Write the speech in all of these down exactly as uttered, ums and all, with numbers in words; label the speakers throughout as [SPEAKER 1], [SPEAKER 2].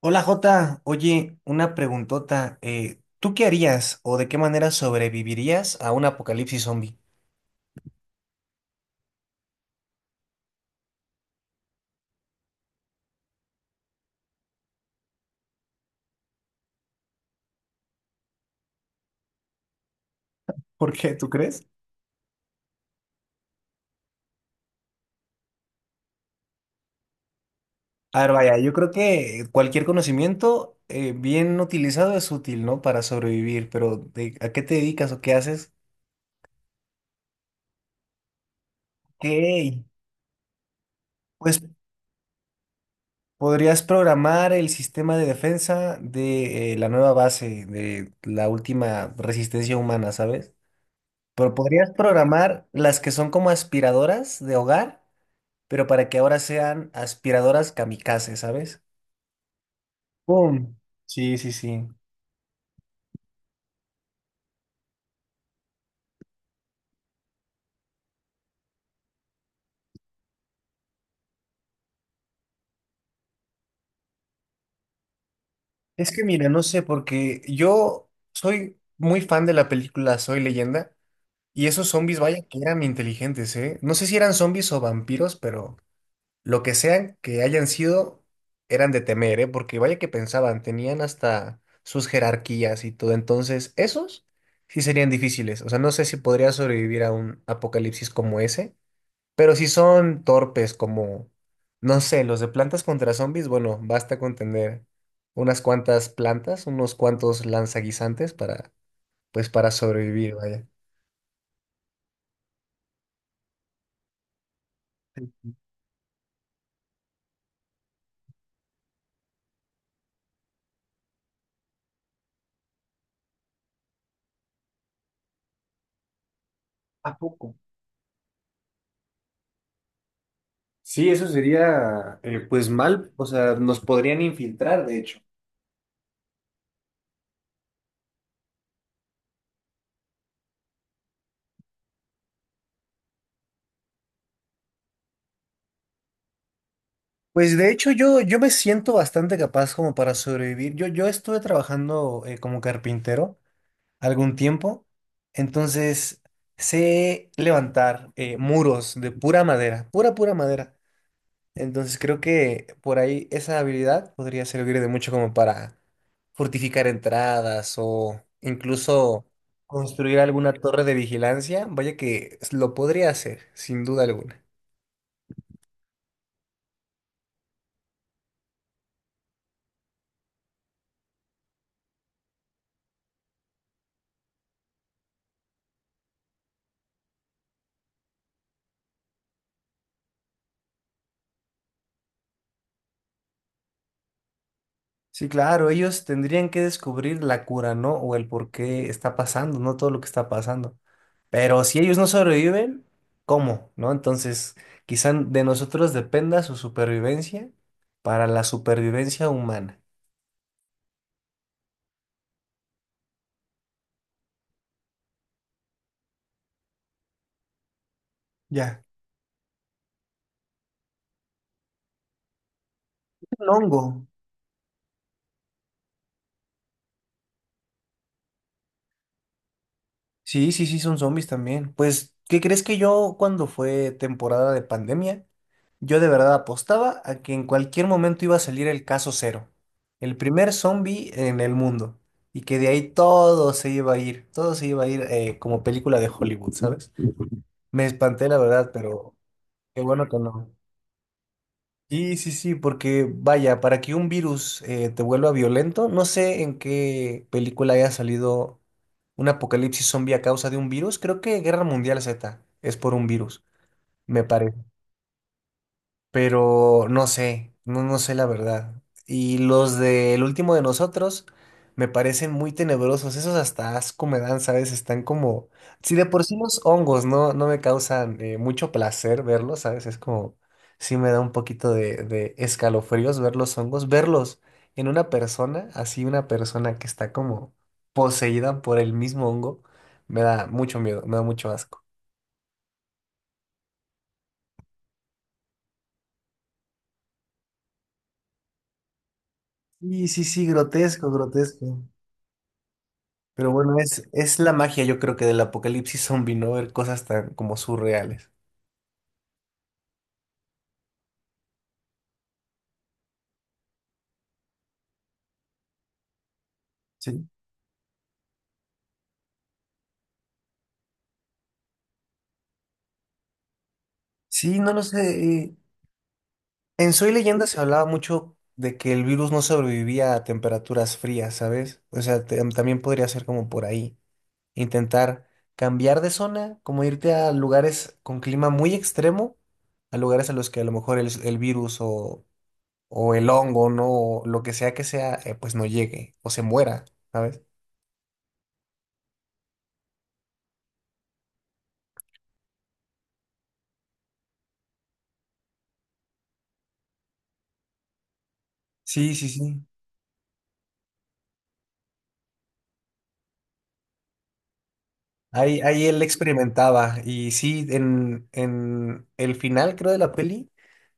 [SPEAKER 1] Hola Jota, oye, una preguntota. Eh, ¿tú qué harías o de qué manera sobrevivirías a un apocalipsis zombie? ¿Por qué? ¿Tú crees? A ver, vaya, yo creo que cualquier conocimiento eh, bien utilizado es útil, ¿no? Para sobrevivir, pero de- ¿a qué te dedicas o qué haces? Ok, pues podrías programar el sistema de defensa de eh, la nueva base, de la última resistencia humana, ¿sabes? Pero podrías programar las que son como aspiradoras de hogar, pero para que ahora sean aspiradoras kamikaze, ¿sabes? ¡Pum! Sí, sí, sí. Es que mira, no sé, porque yo soy muy fan de la película Soy Leyenda y esos zombies, vaya, que eran inteligentes, ¿eh? No sé si eran zombies o vampiros, pero lo que sean que hayan sido, eran de temer, ¿eh? Porque vaya que pensaban, tenían hasta sus jerarquías y todo. Entonces, esos sí serían difíciles. O sea, no sé si podría sobrevivir a un apocalipsis como ese. Pero si son torpes como, no sé, los de plantas contra zombies, bueno, basta con tener unas cuantas plantas, unos cuantos lanzaguisantes para, pues, para sobrevivir, vaya. ¿A poco? Sí, eso sería eh, pues mal, o sea, nos podrían infiltrar, de hecho. Pues de hecho yo, yo me siento bastante capaz como para sobrevivir. Yo, yo estuve trabajando eh, como carpintero algún tiempo, entonces sé levantar eh, muros de pura madera, pura, pura madera. Entonces creo que por ahí esa habilidad podría servir de mucho como para fortificar entradas o incluso construir alguna torre de vigilancia. Vaya que lo podría hacer, sin duda alguna. Sí, claro, ellos tendrían que descubrir la cura, ¿no? O el por qué está pasando, no todo lo que está pasando. Pero si ellos no sobreviven, ¿cómo? ¿No? Entonces, quizá de nosotros dependa su supervivencia para la supervivencia humana. Ya. Un hongo. Sí, sí, sí, son zombies también. Pues, ¿qué crees que yo cuando fue temporada de pandemia, yo de verdad apostaba a que en cualquier momento iba a salir el caso cero, el primer zombie en el mundo, y que de ahí todo se iba a ir, todo se iba a ir eh, como película de Hollywood, ¿sabes? Me espanté, la verdad, pero qué bueno que no. Sí, sí, sí, porque vaya, para que un virus eh, te vuelva violento, no sé en qué película haya salido un apocalipsis zombie a causa de un virus, creo que Guerra Mundial Z es por un virus, me parece, pero no sé, no, no sé la verdad. Y los del último de nosotros me parecen muy tenebrosos, esos hasta asco me dan, ¿sabes? Están como, si de por sí los hongos no, no me causan eh, mucho placer verlos, ¿sabes? Es como, sí me da un poquito de, de escalofríos ver los hongos, verlos en una persona, así una persona que está como poseída por el mismo hongo, me da mucho miedo, me da mucho asco. Y sí, sí, grotesco, grotesco. Pero bueno, es, es la magia, yo creo que del apocalipsis zombie, ¿no? Ver cosas tan como surreales. Sí. Sí, no lo sé. eh, En Soy Leyenda se hablaba mucho de que el virus no sobrevivía a temperaturas frías, ¿sabes? O sea, te- también podría ser como por ahí. Intentar cambiar de zona, como irte a lugares con clima muy extremo, a lugares a los que a lo mejor el, el virus o, o el hongo, ¿no? O lo que sea que sea, eh, pues no llegue o se muera, ¿sabes? Sí, sí, sí. Ahí, ahí él experimentaba y sí, en, en el final creo de la peli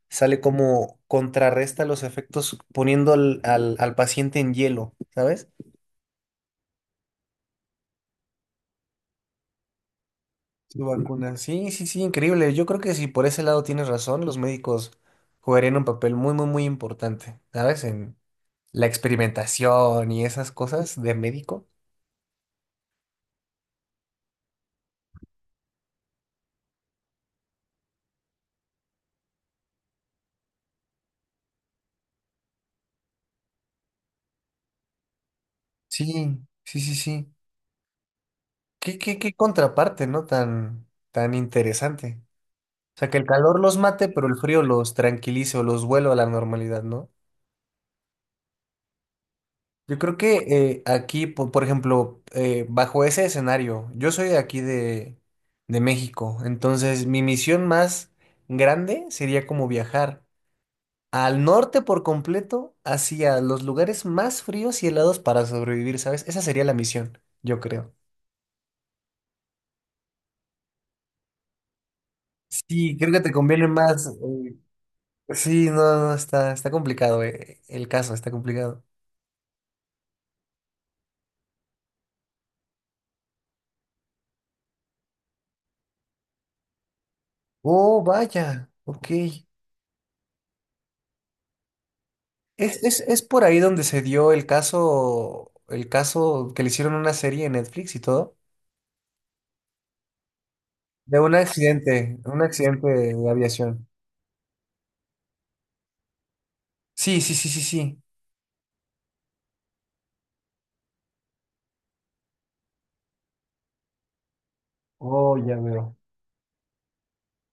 [SPEAKER 1] sale como contrarresta los efectos poniendo al, al, al paciente en hielo, ¿sabes? Su vacuna. Sí, sí, sí, increíble. Yo creo que si por ese lado tienes razón, los médicos jugarían un papel muy, muy, muy importante, ¿sabes? En la experimentación y esas cosas de médico. Sí, sí, sí, sí. Qué, qué, qué contraparte, ¿no? Tan, tan interesante. O sea, que el calor los mate, pero el frío los tranquilice o los vuelva a la normalidad, ¿no? Yo creo que eh, aquí, po- por, ejemplo, eh, bajo ese escenario, yo soy de aquí de, de México, entonces mi misión más grande sería como viajar al norte por completo, hacia los lugares más fríos y helados para sobrevivir, ¿sabes? Esa sería la misión, yo creo. Sí, creo que te conviene más. Eh, sí, no, no, está, está complicado, eh, el caso, está complicado. Oh, vaya, ok. Es, es, es por ahí donde se dio el caso, el caso que le hicieron una serie en Netflix y todo, de un accidente, un accidente de aviación. Sí, sí, sí, sí, sí. Oh, ya veo.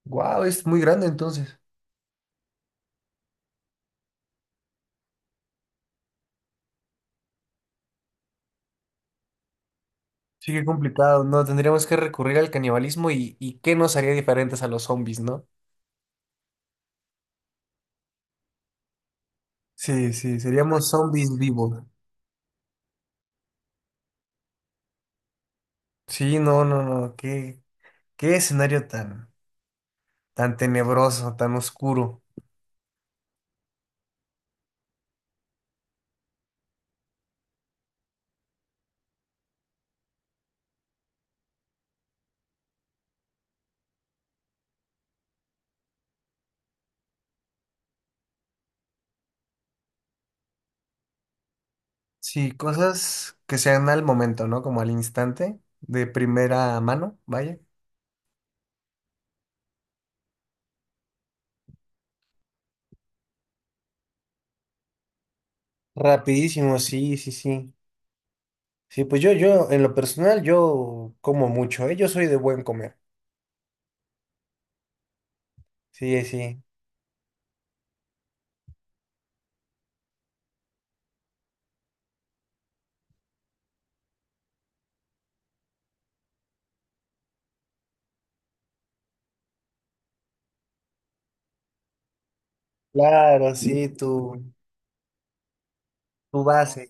[SPEAKER 1] Wow, es muy grande entonces. Sí, qué complicado. No, tendríamos que recurrir al canibalismo y, y qué nos haría diferentes a los zombies, ¿no? Sí, sí, seríamos zombies vivos. Sí, no, no, no. Qué, qué escenario tan, tan tenebroso, tan oscuro. Sí, cosas que sean al momento, ¿no? Como al instante, de primera mano, vaya. Rapidísimo, sí, sí, sí. Sí, pues yo, yo, en lo personal, yo como mucho, ¿eh? Yo soy de buen comer. Sí, sí. Claro, sí, tu, tu base.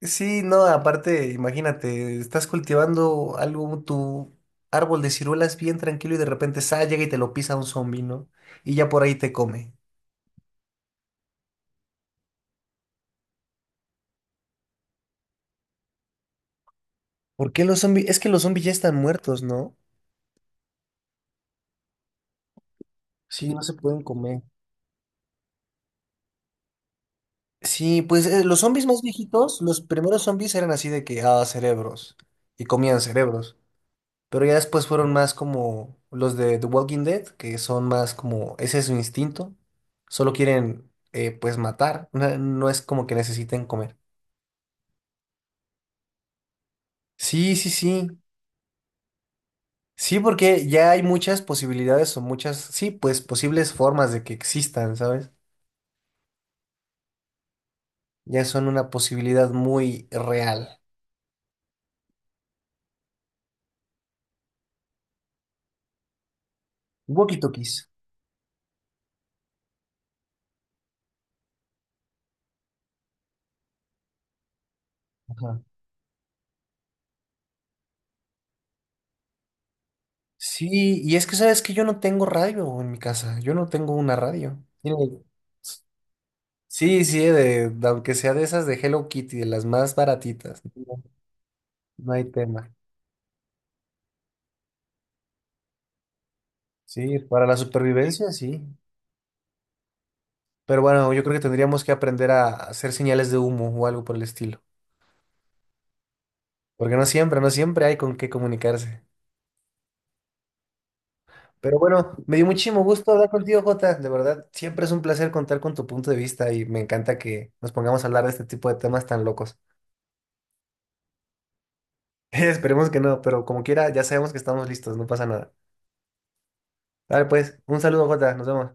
[SPEAKER 1] Sí, no, aparte, imagínate, estás cultivando algo, tu árbol de ciruelas bien tranquilo y de repente sa llega y te lo pisa un zombi, ¿no? Y ya por ahí te come. ¿Por qué los zombies? Es que los zombies ya están muertos, ¿no? Sí, no se pueden comer. Sí, pues eh, los zombies más viejitos, los primeros zombies eran así de que, ah, cerebros, y comían cerebros, pero ya después fueron más como los de The Walking Dead, que son más como, ese es su instinto, solo quieren, eh, pues, matar, no, no es como que necesiten comer. Sí, sí, sí, sí, porque ya hay muchas posibilidades o muchas, sí, pues, posibles formas de que existan, ¿sabes? Ya son una posibilidad muy real. Walkie-talkies. Sí, y es que sabes que yo no tengo radio en mi casa, yo no tengo una radio. Tiene- Sí, sí, de, de- aunque sea de esas de Hello Kitty, de las más baratitas, no, no hay tema. Sí, para la supervivencia, sí. Pero bueno, yo creo que tendríamos que aprender a hacer señales de humo o algo por el estilo, porque no siempre, no siempre hay con qué comunicarse. Pero bueno, me dio muchísimo gusto hablar contigo, Jota. De verdad, siempre es un placer contar con tu punto de vista y me encanta que nos pongamos a hablar de este tipo de temas tan locos. Esperemos que no, pero como quiera, ya sabemos que estamos listos, no pasa nada. Dale, pues, un saludo, Jota, nos vemos.